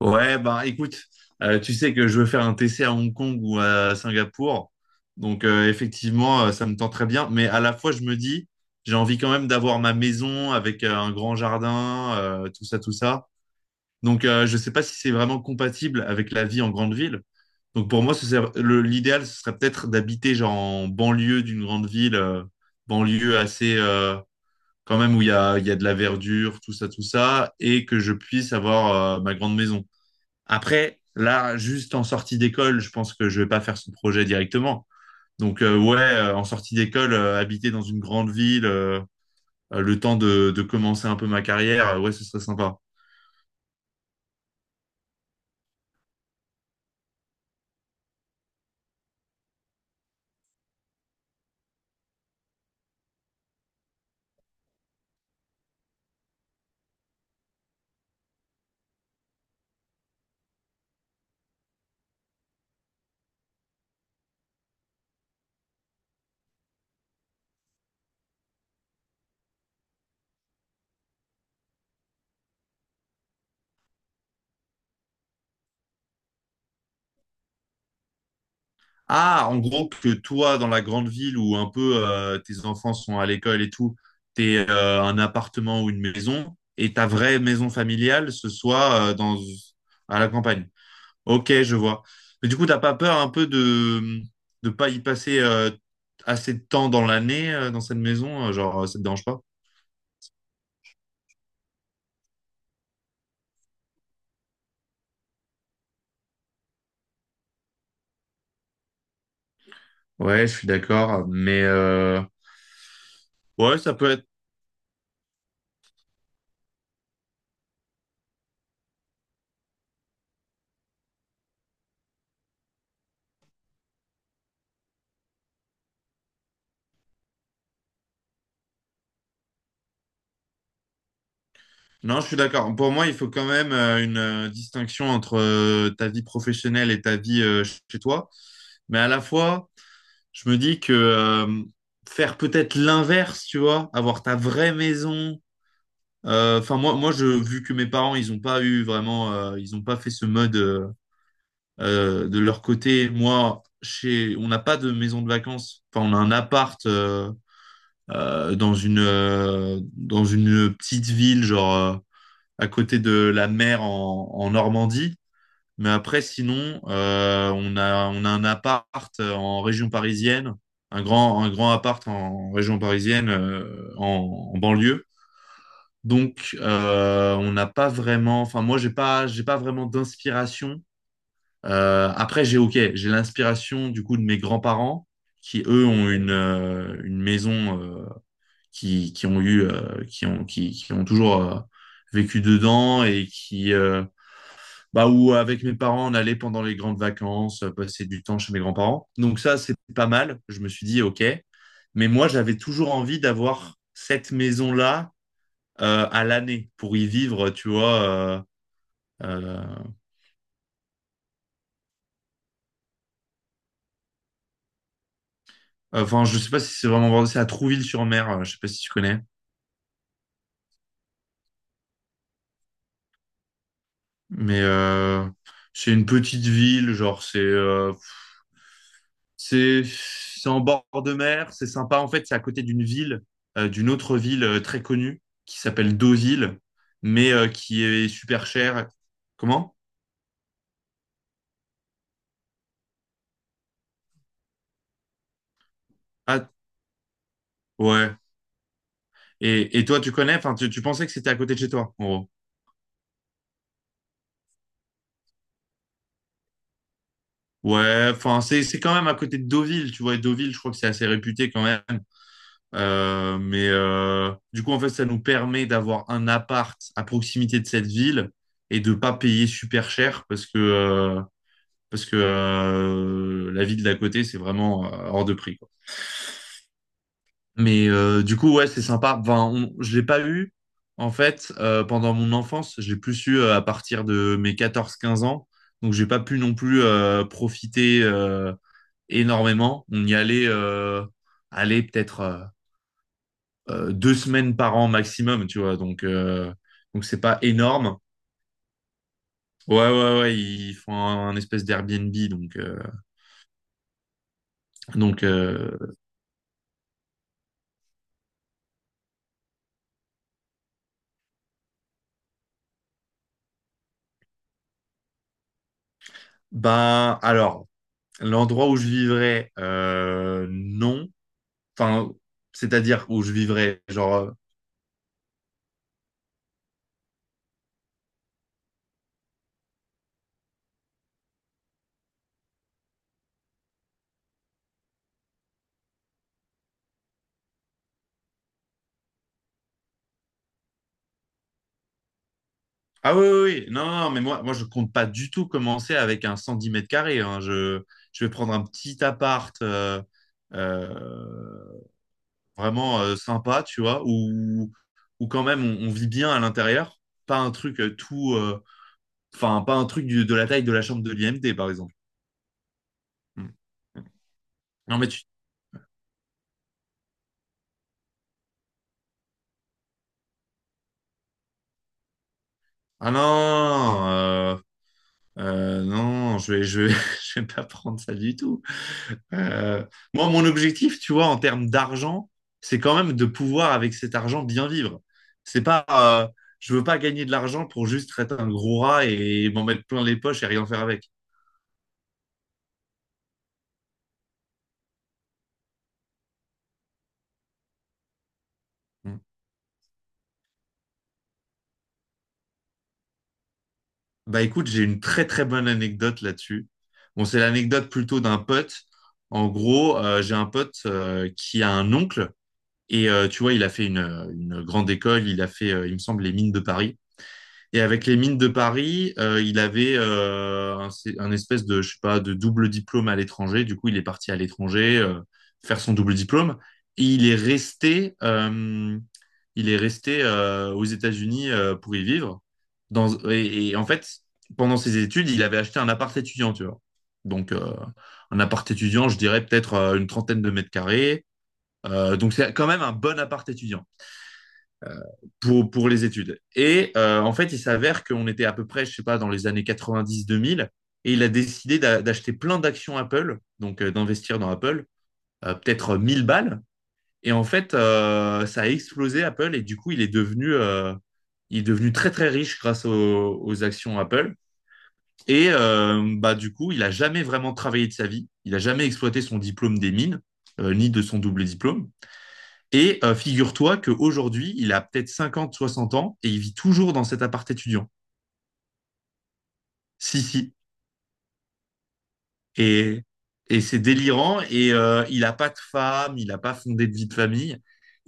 Ouais, bah écoute, tu sais que je veux faire un TC à Hong Kong ou à Singapour. Donc, effectivement, ça me tente très bien. Mais à la fois, je me dis, j'ai envie quand même d'avoir ma maison avec un grand jardin, tout ça, tout ça. Donc je ne sais pas si c'est vraiment compatible avec la vie en grande ville. Donc pour moi, l'idéal, ce serait peut-être d'habiter genre en banlieue d'une grande ville, banlieue assez, quand même où il y a de la verdure, tout ça, et que je puisse avoir ma grande maison. Après, là, juste en sortie d'école, je pense que je vais pas faire ce projet directement. Donc, ouais, en sortie d'école, habiter dans une grande ville, le temps de commencer un peu ma carrière, ouais, ce serait sympa. Ah, en gros, que toi, dans la grande ville où un peu, tes enfants sont à l'école et tout, t'es un appartement ou une maison, et ta vraie maison familiale, ce soit à la campagne. Ok, je vois. Mais du coup, t'as pas peur un peu de pas y passer assez de temps dans l'année, dans cette maison? Genre, ça te dérange pas? Ouais, je suis d'accord. Mais ouais, ça peut être. Non, je suis d'accord. Pour moi, il faut quand même une distinction entre ta vie professionnelle et ta vie, chez toi. Mais à la fois, je me dis que faire peut-être l'inverse, tu vois, avoir ta vraie maison. Enfin, moi, moi, vu que mes parents, ils ont pas eu vraiment, ils ont pas fait ce mode. De leur côté, moi, chez, on n'a pas de maison de vacances. Enfin, on a un appart dans une petite ville, à côté de la mer en Normandie. Mais après, sinon, on a un appart en région parisienne, un grand appart en région parisienne, en banlieue. Donc, on n'a pas vraiment. Enfin, moi, j'ai pas vraiment d'inspiration, après, j'ai l'inspiration du coup de mes grands-parents qui eux ont une maison, qui ont toujours vécu dedans et qui bah où avec mes parents on allait pendant les grandes vacances passer du temps chez mes grands-parents. Donc ça c'est pas mal. Je me suis dit ok, mais moi j'avais toujours envie d'avoir cette maison là à l'année pour y vivre, tu vois. Euh, enfin, je sais pas si c'est vraiment vrai, c'est à Trouville-sur-Mer. Je sais pas si tu connais. Mais c'est une petite ville, genre c'est en bord de mer, c'est sympa. En fait, c'est à côté d'une autre ville très connue qui s'appelle Deauville, mais qui est super chère. Comment? Ah ouais. Et toi, tu connais? Enfin, tu pensais que c'était à côté de chez toi, en gros. Ouais. Enfin, c'est quand même à côté de Deauville, tu vois. Et Deauville, je crois que c'est assez réputé quand même. Mais du coup, en fait, ça nous permet d'avoir un appart à proximité de cette ville et de pas payer super cher parce que la ville d'à côté, c'est vraiment hors de prix, quoi. Mais du coup, ouais, c'est sympa. Enfin, je l'ai pas eu en fait, pendant mon enfance. J'ai plus eu à partir de mes 14 15 ans, donc j'ai pas pu non plus profiter énormément. On y allait peut-être. 2 semaines par an maximum, tu vois. Donc, c'est pas énorme. Ouais, ouais, ouais, ils font un espèce d'Airbnb. Donc euh, ben, alors, l'endroit où je vivrais, non. Enfin, c'est-à-dire où je vivrais, genre. Ah oui, oui, oui. Non, non, non, mais moi, je compte pas du tout commencer avec un 110 mètres carrés. Hein. Je vais prendre un petit apparteuh, vraiment sympa, tu vois, où quand même on vit bien à l'intérieur, pas un truc, enfin, pas un truc de la taille de la chambre de l'IMD, par exemple. Mm. Non, mais tu... Ah non, non, je vais pas prendre ça du tout. Euh, Moi, mon objectif, tu vois, en termes d'argent, c'est quand même de pouvoir, avec cet argent, bien vivre. C'est pas, je veux pas gagner de l'argent pour juste être un gros rat et m'en mettre plein les poches et rien faire avec. Mm. Bah écoute, j'ai une très très bonne anecdote là-dessus. Bon, c'est l'anecdote plutôt d'un pote. En gros, j'ai un pote qui a un oncle et tu vois, il a fait une grande école, il a fait, il me semble, les mines de Paris. Et avec les mines de Paris, il avait un espèce de, je sais pas, de double diplôme à l'étranger. Du coup, il est parti à l'étranger faire son double diplôme. Et il est resté aux États-Unis pour y vivre. Dans, et en fait, pendant ses études, il avait acheté un appart étudiant, tu vois. Donc, un appart étudiant, je dirais peut-être une trentaine de mètres carrés. Donc, c'est quand même un bon appart étudiant pour les études. Et en fait, il s'avère qu'on était à peu près, je sais pas, dans les années 90-2000, et il a décidé d'acheter plein d'actions Apple, donc d'investir dans Apple, peut-être 1000 balles. Et en fait, ça a explosé Apple, et du coup, il est devenu très très riche grâce aux actions Apple. Et bah, du coup, il a jamais vraiment travaillé de sa vie. Il a jamais exploité son diplôme des mines, ni de son double diplôme. Et figure-toi qu'aujourd'hui, il a peut-être 50, 60 ans et il vit toujours dans cet appart étudiant. Si, si. Et, et c'est délirant. Et il n'a pas de femme, il n'a pas fondé de vie de famille.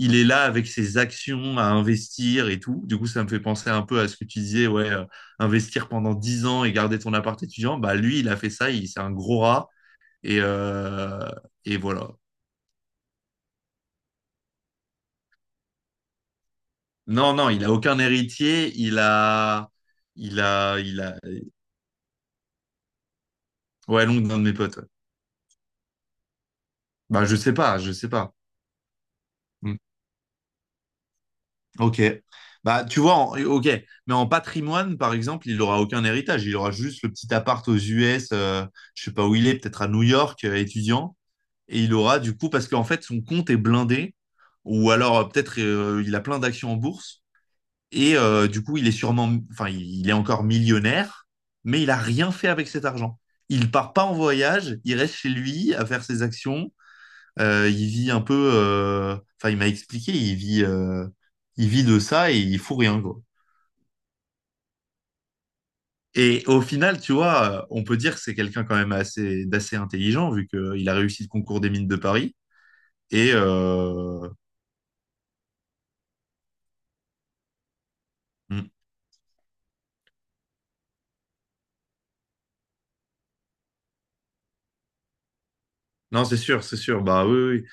Il est là avec ses actions à investir et tout. Du coup, ça me fait penser un peu à ce que tu disais, ouais, investir pendant 10 ans et garder ton appart étudiant. Bah, lui, il a fait ça, il, c'est un gros rat. Et, euh, et voilà. Non, non, il a aucun héritier. Il a. Il a. Il a. Ouais, l'oncle d'un de mes potes. Ouais. Bah, je sais pas, je sais pas. Mm. Ok. Bah, tu vois, ok. Mais en patrimoine, par exemple, il aura aucun héritage. Il aura juste le petit appart aux US, je sais pas où il est, peut-être à New York, étudiant. Et il aura, du coup, parce qu'en fait, son compte est blindé. Ou alors, peut-être, il a plein d'actions en bourse. Et du coup, il est sûrement, enfin, il est encore millionnaire, mais il a rien fait avec cet argent. Il part pas en voyage, il reste chez lui à faire ses actions. Il vit un peu, enfin, il m'a expliqué, il vit de ça et il fout rien, quoi. Et au final, tu vois, on peut dire que c'est quelqu'un quand même d'assez intelligent, vu qu'il a réussi le concours des mines de Paris. Et euh, hmm. Non, c'est sûr, bah oui, oui.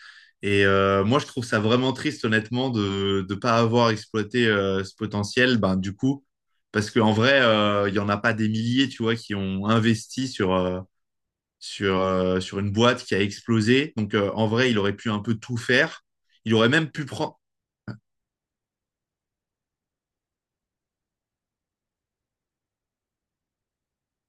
Et moi, je trouve ça vraiment triste, honnêtement, de ne pas avoir exploité ce potentiel, ben, du coup, parce qu'en vrai, il y n'y en a pas des milliers, tu vois, qui ont investi sur une boîte qui a explosé. Donc, en vrai, il aurait pu un peu tout faire. Il aurait même pu prendre.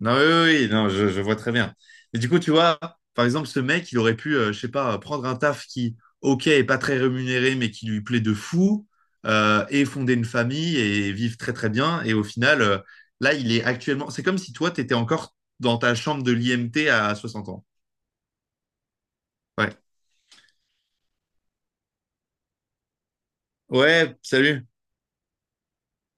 Non, oui, oui, oui, non, je vois très bien. Mais du coup, tu vois, par exemple, ce mec, il aurait pu, je sais pas, prendre un taf qui, ok, est pas très rémunéré, mais qui lui plaît de fou, et fonder une famille et vivre très très bien. Et au final, là, il est actuellement. C'est comme si toi, tu étais encore dans ta chambre de l'IMT à 60 ans. Ouais. Ouais, salut.